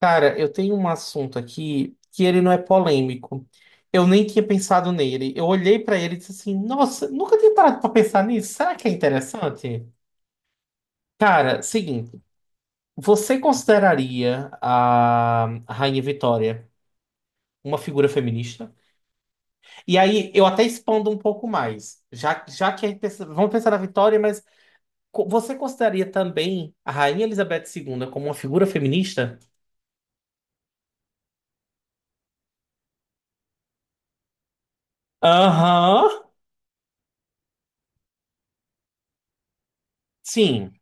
Cara, eu tenho um assunto aqui que ele não é polêmico. Eu nem tinha pensado nele. Eu olhei pra ele e disse assim: nossa, nunca tinha parado pra pensar nisso. Será que é interessante? Cara, seguinte, você consideraria a Rainha Vitória uma figura feminista? E aí eu até expando um pouco mais, já que vamos pensar na Vitória, mas você consideraria também a Rainha Elizabeth II como uma figura feminista? Aham. Sim.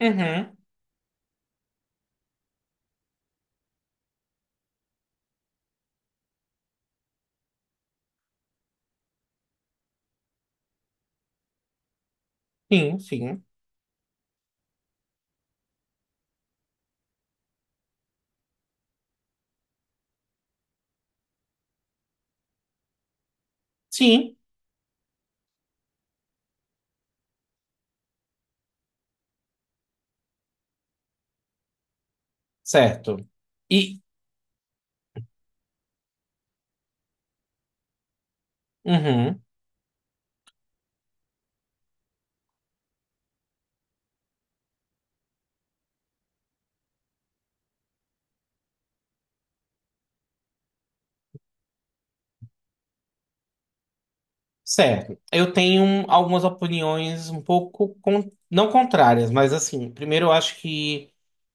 Uhum. Sim, sim. Sim, certo. E, uhum, certo. Algumas opiniões um pouco, não contrárias, mas assim, primeiro eu acho que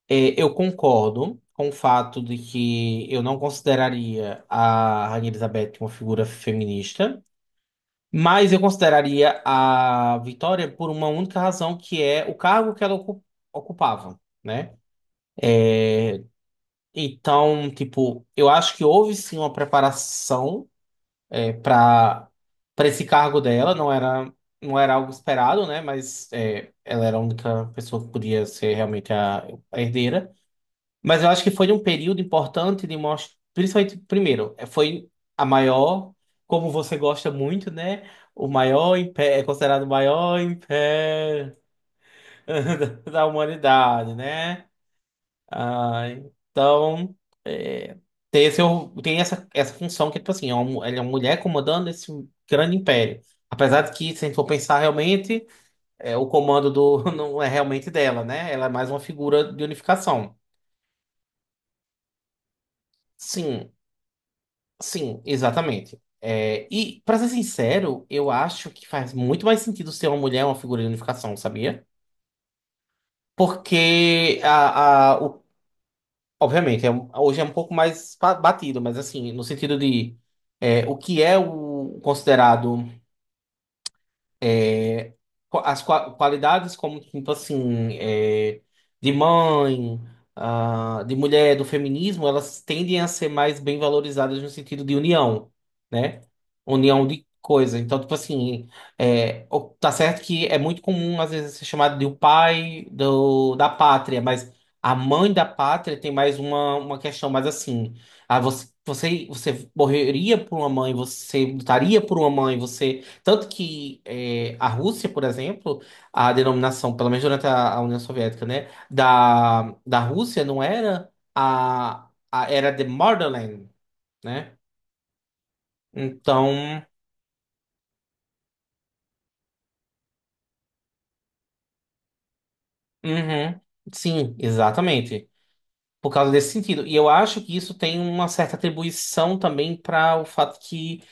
eu concordo com o fato de que eu não consideraria a Rainha Elizabeth uma figura feminista, mas eu consideraria a Vitória por uma única razão, que é o cargo que ocupava, né? Então, tipo, eu acho que houve sim uma preparação para para esse cargo dela, não era algo esperado, né? Mas é, ela era a única pessoa que podia ser realmente a herdeira. Mas eu acho que foi um período importante de mostrar, principalmente primeiro, é, foi a maior, como você gosta muito, né? O maior império, é considerado o maior império da humanidade, né? Ah, então, é, tem, esse, tem essa, essa função que, tipo assim, é uma, ele é uma mulher comandando esse grande império. Apesar de que, se a gente for pensar realmente, é, o comando do, não é realmente dela, né? Ela é mais uma figura de unificação. Sim, sim, exatamente. É, e, pra ser sincero, eu acho que faz muito mais sentido ser uma mulher uma figura de unificação, sabia? Porque o obviamente, hoje é um pouco mais batido, mas assim, no sentido de é, o que é o considerado é, qualidades como tipo assim é, de mãe ah, de mulher do feminismo elas tendem a ser mais bem valorizadas no sentido de união, né, união de coisa, então tipo assim é, tá certo que é muito comum às vezes ser chamado de o pai do, da pátria, mas a mãe da pátria tem mais uma questão mais assim ah, você morreria por uma mãe, você lutaria por uma mãe, você tanto que é, a Rússia, por exemplo, a denominação, pelo menos durante a União Soviética, né, da Rússia não era a era the Motherland, né? Então, uhum, sim, exatamente. Por causa desse sentido. E eu acho que isso tem uma certa atribuição também para o fato que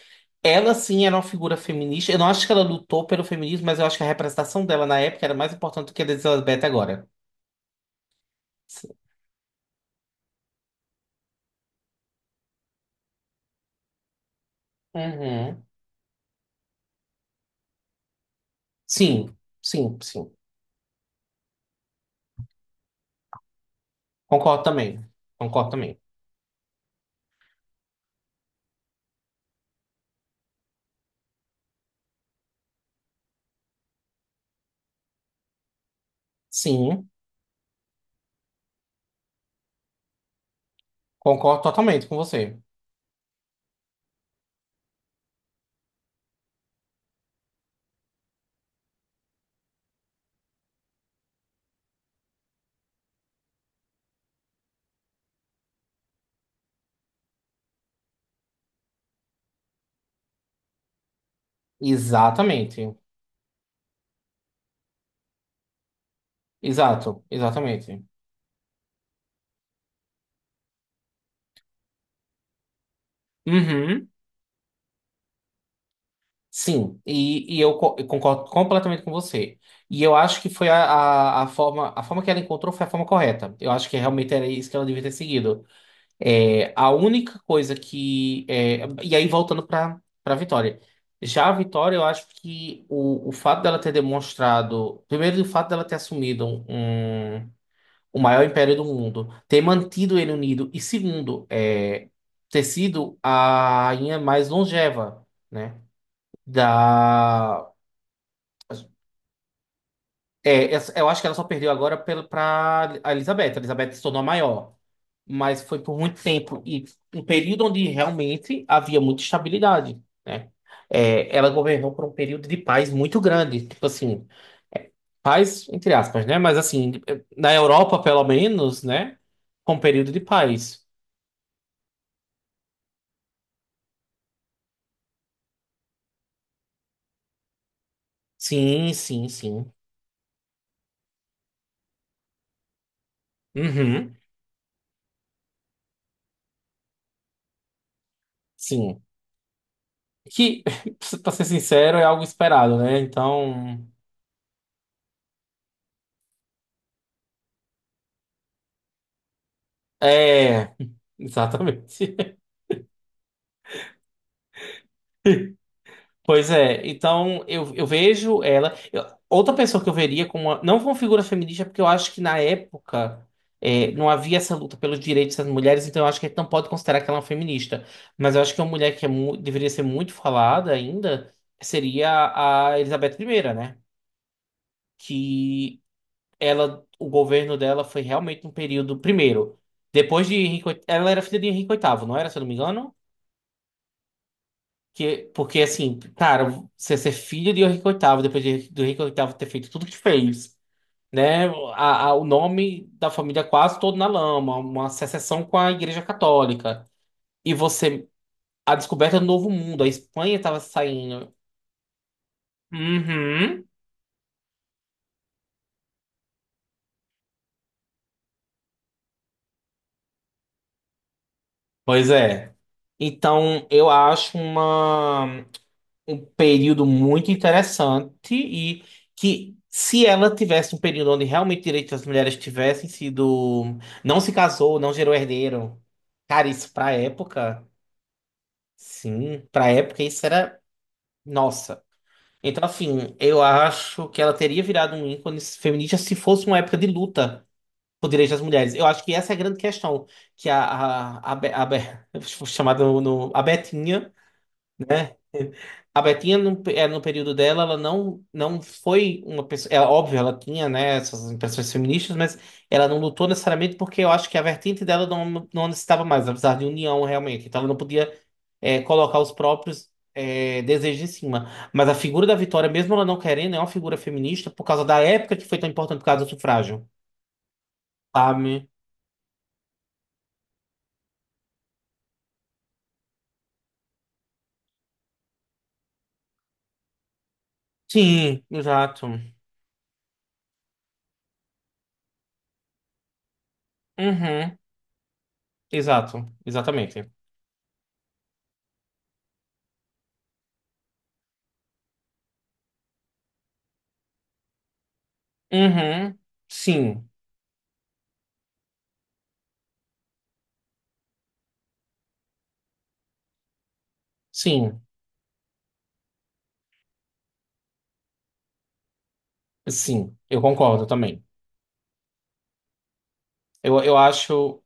ela sim era uma figura feminista. Eu não acho que ela lutou pelo feminismo, mas eu acho que a representação dela na época era mais importante do que a da Elizabeth agora. Uhum. Sim, sim, sim. Concordo também. Concordo também. Sim, concordo totalmente com você. Exatamente. Exato, exatamente. Uhum. Sim, e, eu concordo completamente com você. E eu acho que foi a forma que ela encontrou foi a forma correta. Eu acho que realmente era isso que ela devia ter seguido. É, a única coisa que. É, e aí, voltando para Vitória. Já a Vitória, eu acho que o fato dela ter demonstrado. Primeiro, o fato dela ter assumido um. O maior império do mundo, ter mantido ele unido e segundo, é, ter sido a rainha mais longeva, né? Da é, eu acho que ela só perdeu agora para a Elizabeth. A Elizabeth se tornou a maior, mas foi por muito tempo e um período onde realmente havia muita estabilidade, né? É, ela governou por um período de paz muito grande, tipo assim, é, paz entre aspas, né? Mas assim, na Europa pelo menos, né? Com um período de paz. Sim, sim, sim. Uhum, sim. Que, pra ser sincero, é algo esperado, né? Então, é. Exatamente. Pois é, então eu vejo ela. Eu- outra pessoa que eu veria como. Uma- não como figura feminista, é porque eu acho que na época é, não havia essa luta pelos direitos das mulheres, então eu acho que a gente não pode considerar que ela é uma feminista. Mas eu acho que uma mulher que é deveria ser muito falada ainda seria a Elizabeth primeira, né? Ela, o governo dela foi realmente um período. Primeiro, depois de Henrique, VIII, ela era filha de Henrique VIII, não era, se eu não me engano? Que, porque, assim, cara, você ser filha de Henrique VIII, depois do Henrique VIII ter feito tudo que fez, né? O nome da família quase todo na lama, uma secessão com a Igreja Católica. E você, a descoberta do Novo Mundo, a Espanha estava saindo. Uhum. Pois é. Então, eu acho uma. Um período muito interessante e que se ela tivesse um período onde realmente direitos das mulheres tivessem sido, não se casou, não gerou herdeiro, cara, isso pra época, sim, pra época isso era, nossa. Então, assim, eu acho que ela teria virado um ícone feminista se fosse uma época de luta por direitos das mulheres. Eu acho que essa é a grande questão, que chamada a Betinha, né? A Betinha, no período dela, ela não foi uma pessoa. É óbvio, ela tinha, né, essas impressões feministas, mas ela não lutou necessariamente porque eu acho que a vertente dela não necessitava mais, apesar de união realmente. Então ela não podia colocar os próprios desejos em cima. Mas a figura da Vitória, mesmo ela não querendo, é uma figura feminista por causa da época que foi tão importante por causa do sufrágio, sabe? Sim, exato. Uhum, exato, exatamente. Uhum, sim, sim. Sim, eu concordo também. Eu acho.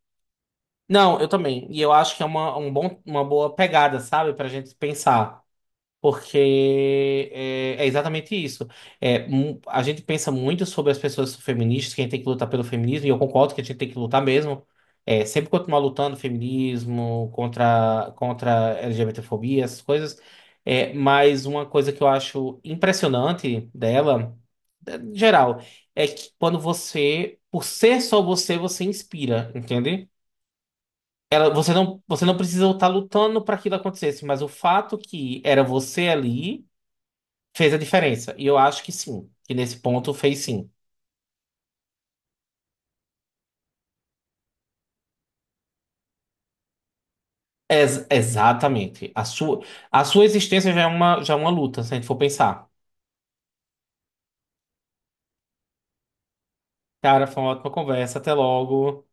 Não, eu também. E eu acho que é um bom, uma boa pegada, sabe? Pra gente pensar. Porque é, é exatamente isso. É, a gente pensa muito sobre as pessoas feministas, que a gente tem que lutar pelo feminismo, e eu concordo que a gente tem que lutar mesmo. É, sempre continuar lutando feminismo, contra a LGBTfobia, essas coisas. É, mas uma coisa que eu acho impressionante dela, é, em geral, é que quando você, por ser só você, você inspira, entende? Ela, você não precisa estar lutando para aquilo acontecesse, mas o fato que era você ali. Fez a diferença. E eu acho que sim, que nesse ponto fez sim. Exatamente. A sua existência já é uma luta, se a gente for pensar. Cara, foi uma ótima conversa. Até logo.